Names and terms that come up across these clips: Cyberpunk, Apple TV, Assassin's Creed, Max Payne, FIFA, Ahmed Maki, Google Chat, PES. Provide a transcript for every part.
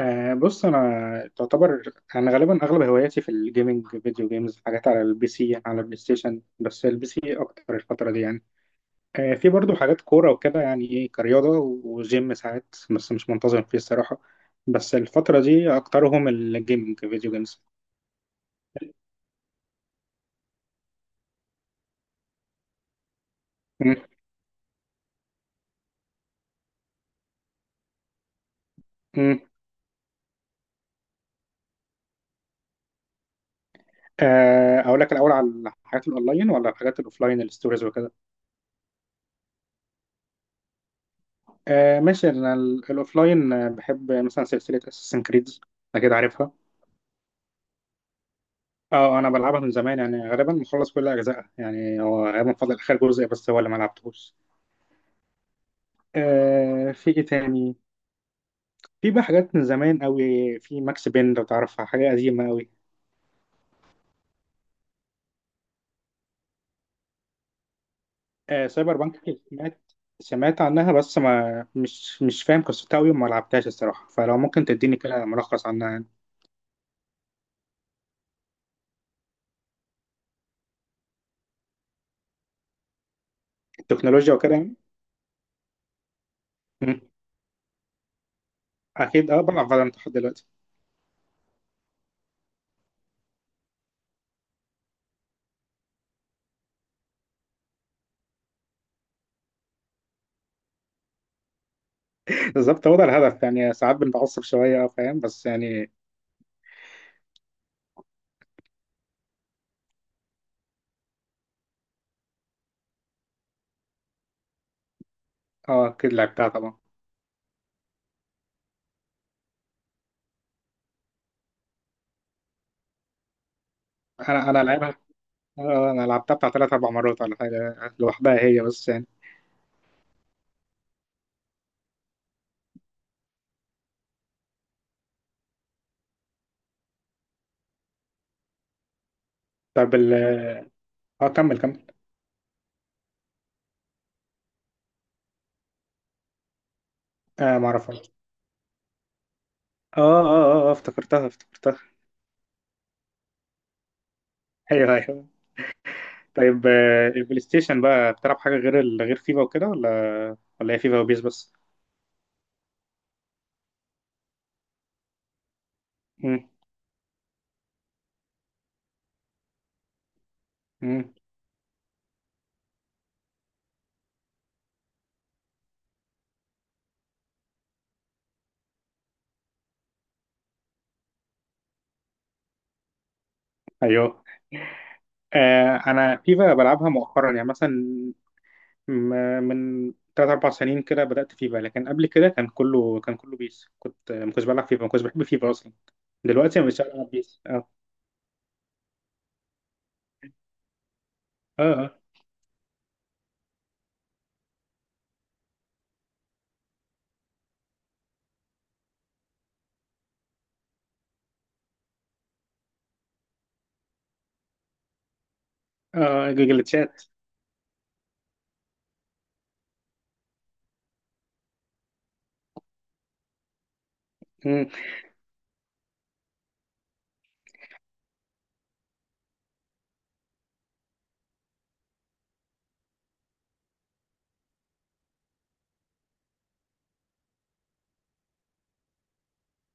أه، بص انا تعتبر انا غالبا اغلب هواياتي في الجيمنج فيديو جيمز، حاجات على البي سي، على البلاي ستيشن، بس البي سي اكتر الفتره دي يعني. أه في برضو حاجات كوره وكده، يعني ايه، كرياضه وجيم ساعات بس مش منتظم فيه الصراحه. بس الفتره دي اكترهم الجيمنج فيديو جيمز. م- م. أه اقول لك الاول على الحاجات الاونلاين ولا الحاجات الاوفلاين الستوريز وكده؟ أه ماشي. انا الاوفلاين بحب مثلا سلسله اساسن كريدز، اكيد عارفها. اه انا بلعبها من زمان، يعني غالبا مخلص كل اجزائها، يعني هو غالبا فاضل اخر جزء بس هو اللي ما لعبتهوش. آه، في ايه تاني؟ في بقى حاجات من زمان قوي. في ماكس بين لو تعرفها، حاجه قديمه قوي. آه سايبر بانك، سمعت، سمعت عنها بس ما مش مش فاهم قصتها قوي وما لعبتهاش الصراحه، فلو ممكن تديني كده ملخص عنها يعني. التكنولوجيا وكده يعني. مم. اكيد اه، بلعب فالورانت لحد دلوقتي. بالظبط، هو ده الهدف يعني. ساعات بنتعصب شويه اه، فاهم، بس يعني. اه اكيد لعبتها طبعا. انا لعبها. آه، انا لعبتها بتاع ثلاث اربع مرات ولا حاجه، لوحدها هي بس يعني. طب ال اه كمل كمل. اه ما اعرفهاش. آه، افتكرتها افتكرتها. ايوه ايوه. طيب آه، البلاي ستيشن بقى بتلعب حاجه غير غير فيفا وكده، ولا ولا هي فيفا وبيس بس؟ مم. مم. ايوه. آه، انا فيفا بلعبها مؤخرا، يعني مثلا من ثلاث اربع سنين كده بدات فيفا، لكن قبل كده كان كله بيس، ما كنتش بلعب فيفا، ما كنتش بحب فيفا اصلا. دلوقتي ما بقتش العب بيس اه. اه آه. اه جوجل تشات. مم.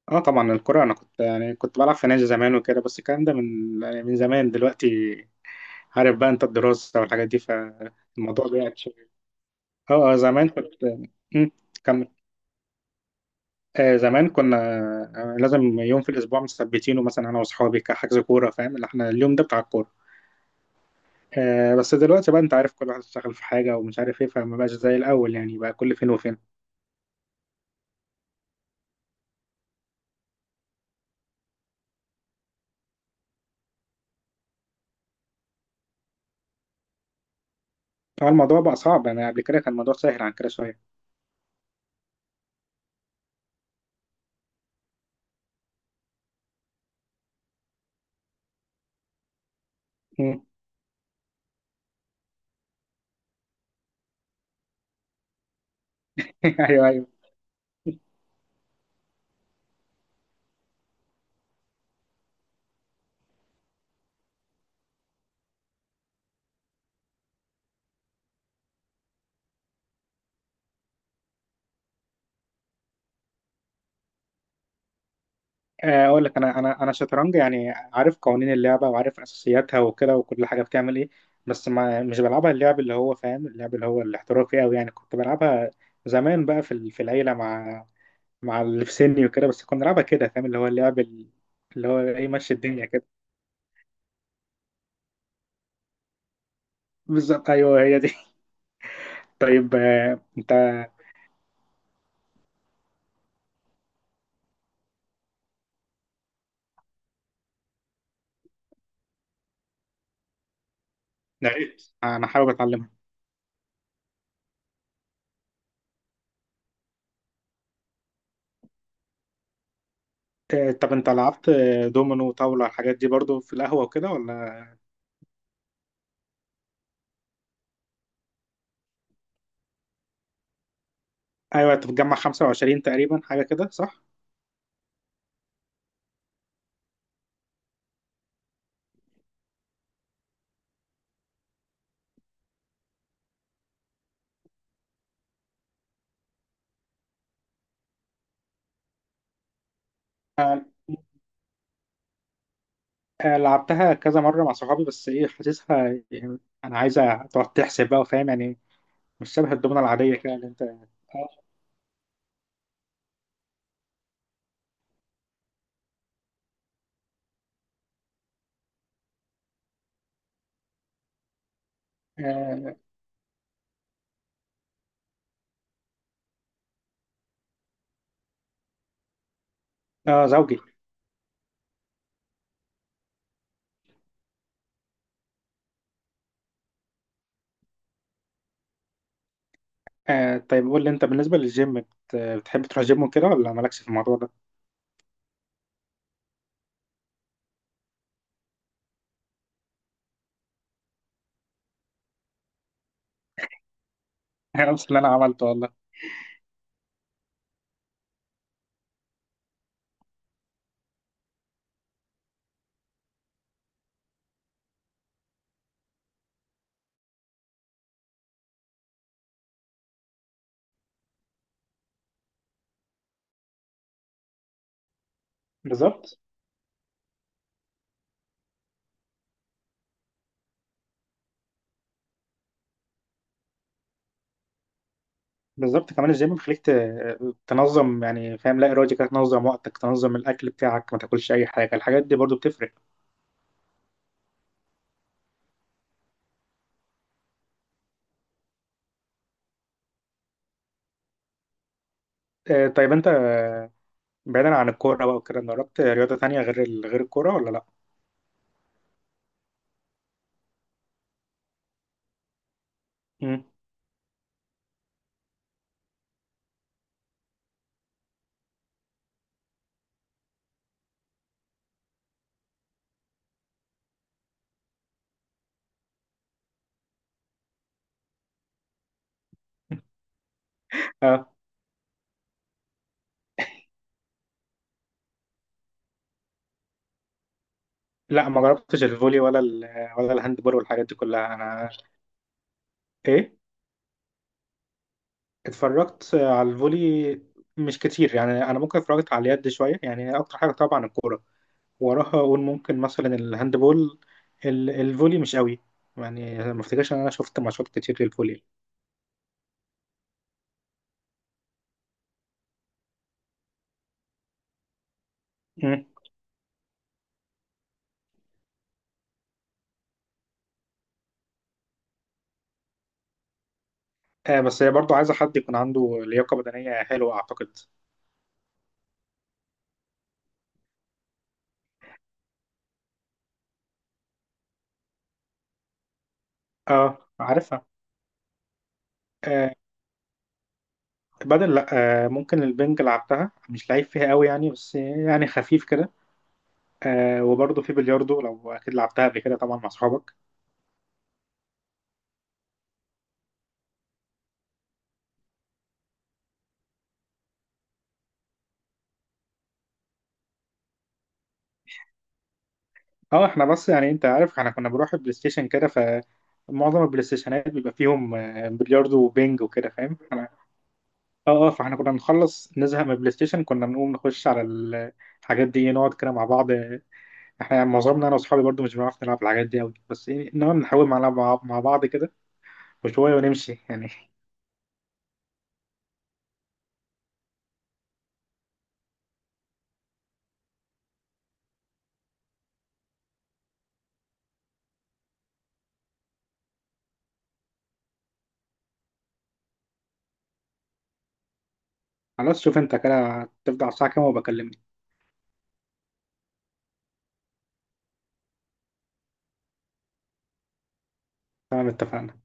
اه طبعا الكرة، انا كنت يعني كنت بلعب في نادي زمان وكده، بس الكلام ده من، يعني من زمان. دلوقتي عارف بقى انت، الدراسة والحاجات دي، فالموضوع بعد شوية. اه اه زمان كنت. مم. كمل. آه زمان كنا، آه لازم يوم في الاسبوع مثبتينه، مثلا انا واصحابي كحجز كورة، فاهم اللي احنا اليوم ده بتاع الكورة. آه بس دلوقتي بقى انت عارف، كل واحد اشتغل في حاجة ومش عارف ايه، فما بقاش زي الاول يعني، بقى كل فين وفين. طبعا الموضوع بقى صعب، انا قبل كده كان الموضوع سهل عن كده شوية. مم. ايوه ايوه. آه، اقول لك انا، انا شطرنج يعني عارف قوانين اللعبه وعارف اساسياتها وكده، وكل حاجه بتعمل ايه. بس ما مش بلعبها اللعب اللي هو فاهم، اللعب اللي هو الاحترافي قوي يعني. كنت بلعبها زمان بقى في في العيله، مع مع اللي في سني وكده، بس كنا بنلعبها كده فاهم، اللي هو اللعب اللي هو ايه، ماشي الدنيا كده. بالظبط، ايوه هي دي. طيب آه، انت، يا ريت انا حابب اتعلمها. آه، طب انت لعبت آه، دومينو وطاوله، الحاجات دي برضو في القهوه وكده ولا؟ ايوه انت بتجمع 25 تقريبا حاجه كده صح؟ آه، لعبتها كذا مرة مع صحابي، بس ايه، حاسسها يعني انا عايزة تقعد تحسب بقى، وفاهم يعني مش شبه الدومنة العادية كده اللي انت اه. آه، آه، زوجي. آه طيب قول لي، انت بالنسبة للجيم بتحب تروح جيم وكده، ولا مالكش في الموضوع ده؟ نفس اللي انا عملته والله. بالظبط. بالظبط، كمان الجيم تنظم، يعني فاهم لا إرادي كده تنظم وقتك، تنظم الأكل بتاعك، ما تاكلش أي حاجة، الحاجات دي برضو بتفرق. آه طيب انت، بعيدا عن الكورة بقى وكده، جربت رياضة تانية غير غير الكورة ولا لا؟ مم. لا ما جربتش الفولي ولا ولا الهاند بول والحاجات دي كلها انا. ايه، اتفرجت على الفولي مش كتير، يعني انا ممكن اتفرجت على اليد شويه، يعني اكتر حاجه طبعا الكوره، وراها اقول ممكن مثلا الهاند بول. الفولي مش قوي يعني، ما افتكرش ان انا شفت ماتشات كتير للفولي. مم. آه بس هي برضه عايزه حد يكون عنده لياقه بدنيه حلوه اعتقد. اه عارفها. آه بدل لا. آه ممكن البنج لعبتها، مش لعيب فيها قوي يعني، بس يعني خفيف كده. آه وبرضه في بلياردو، لو اكيد لعبتها قبل كده طبعا مع اصحابك. اه احنا بس يعني انت عارف، احنا كنا بنروح بلاي ستيشن كده، فمعظم البلاي ستيشنات بيبقى فيهم آه، بلياردو وبينج وكده فاهم احنا. اه اه، فاحنا كنا نخلص نزهق من البلاي ستيشن، كنا بنقوم نخش على الحاجات دي إيه، نقعد كده مع بعض آه، احنا يعني معظمنا انا واصحابي برضه مش بنعرف نلعب الحاجات دي قوي، بس ايه، نقعد نحاول مع بعض كده، وشويه ونمشي يعني. خلاص شوف انت كده تبدأ على الساعه كام وبكلمني. تمام اتفقنا.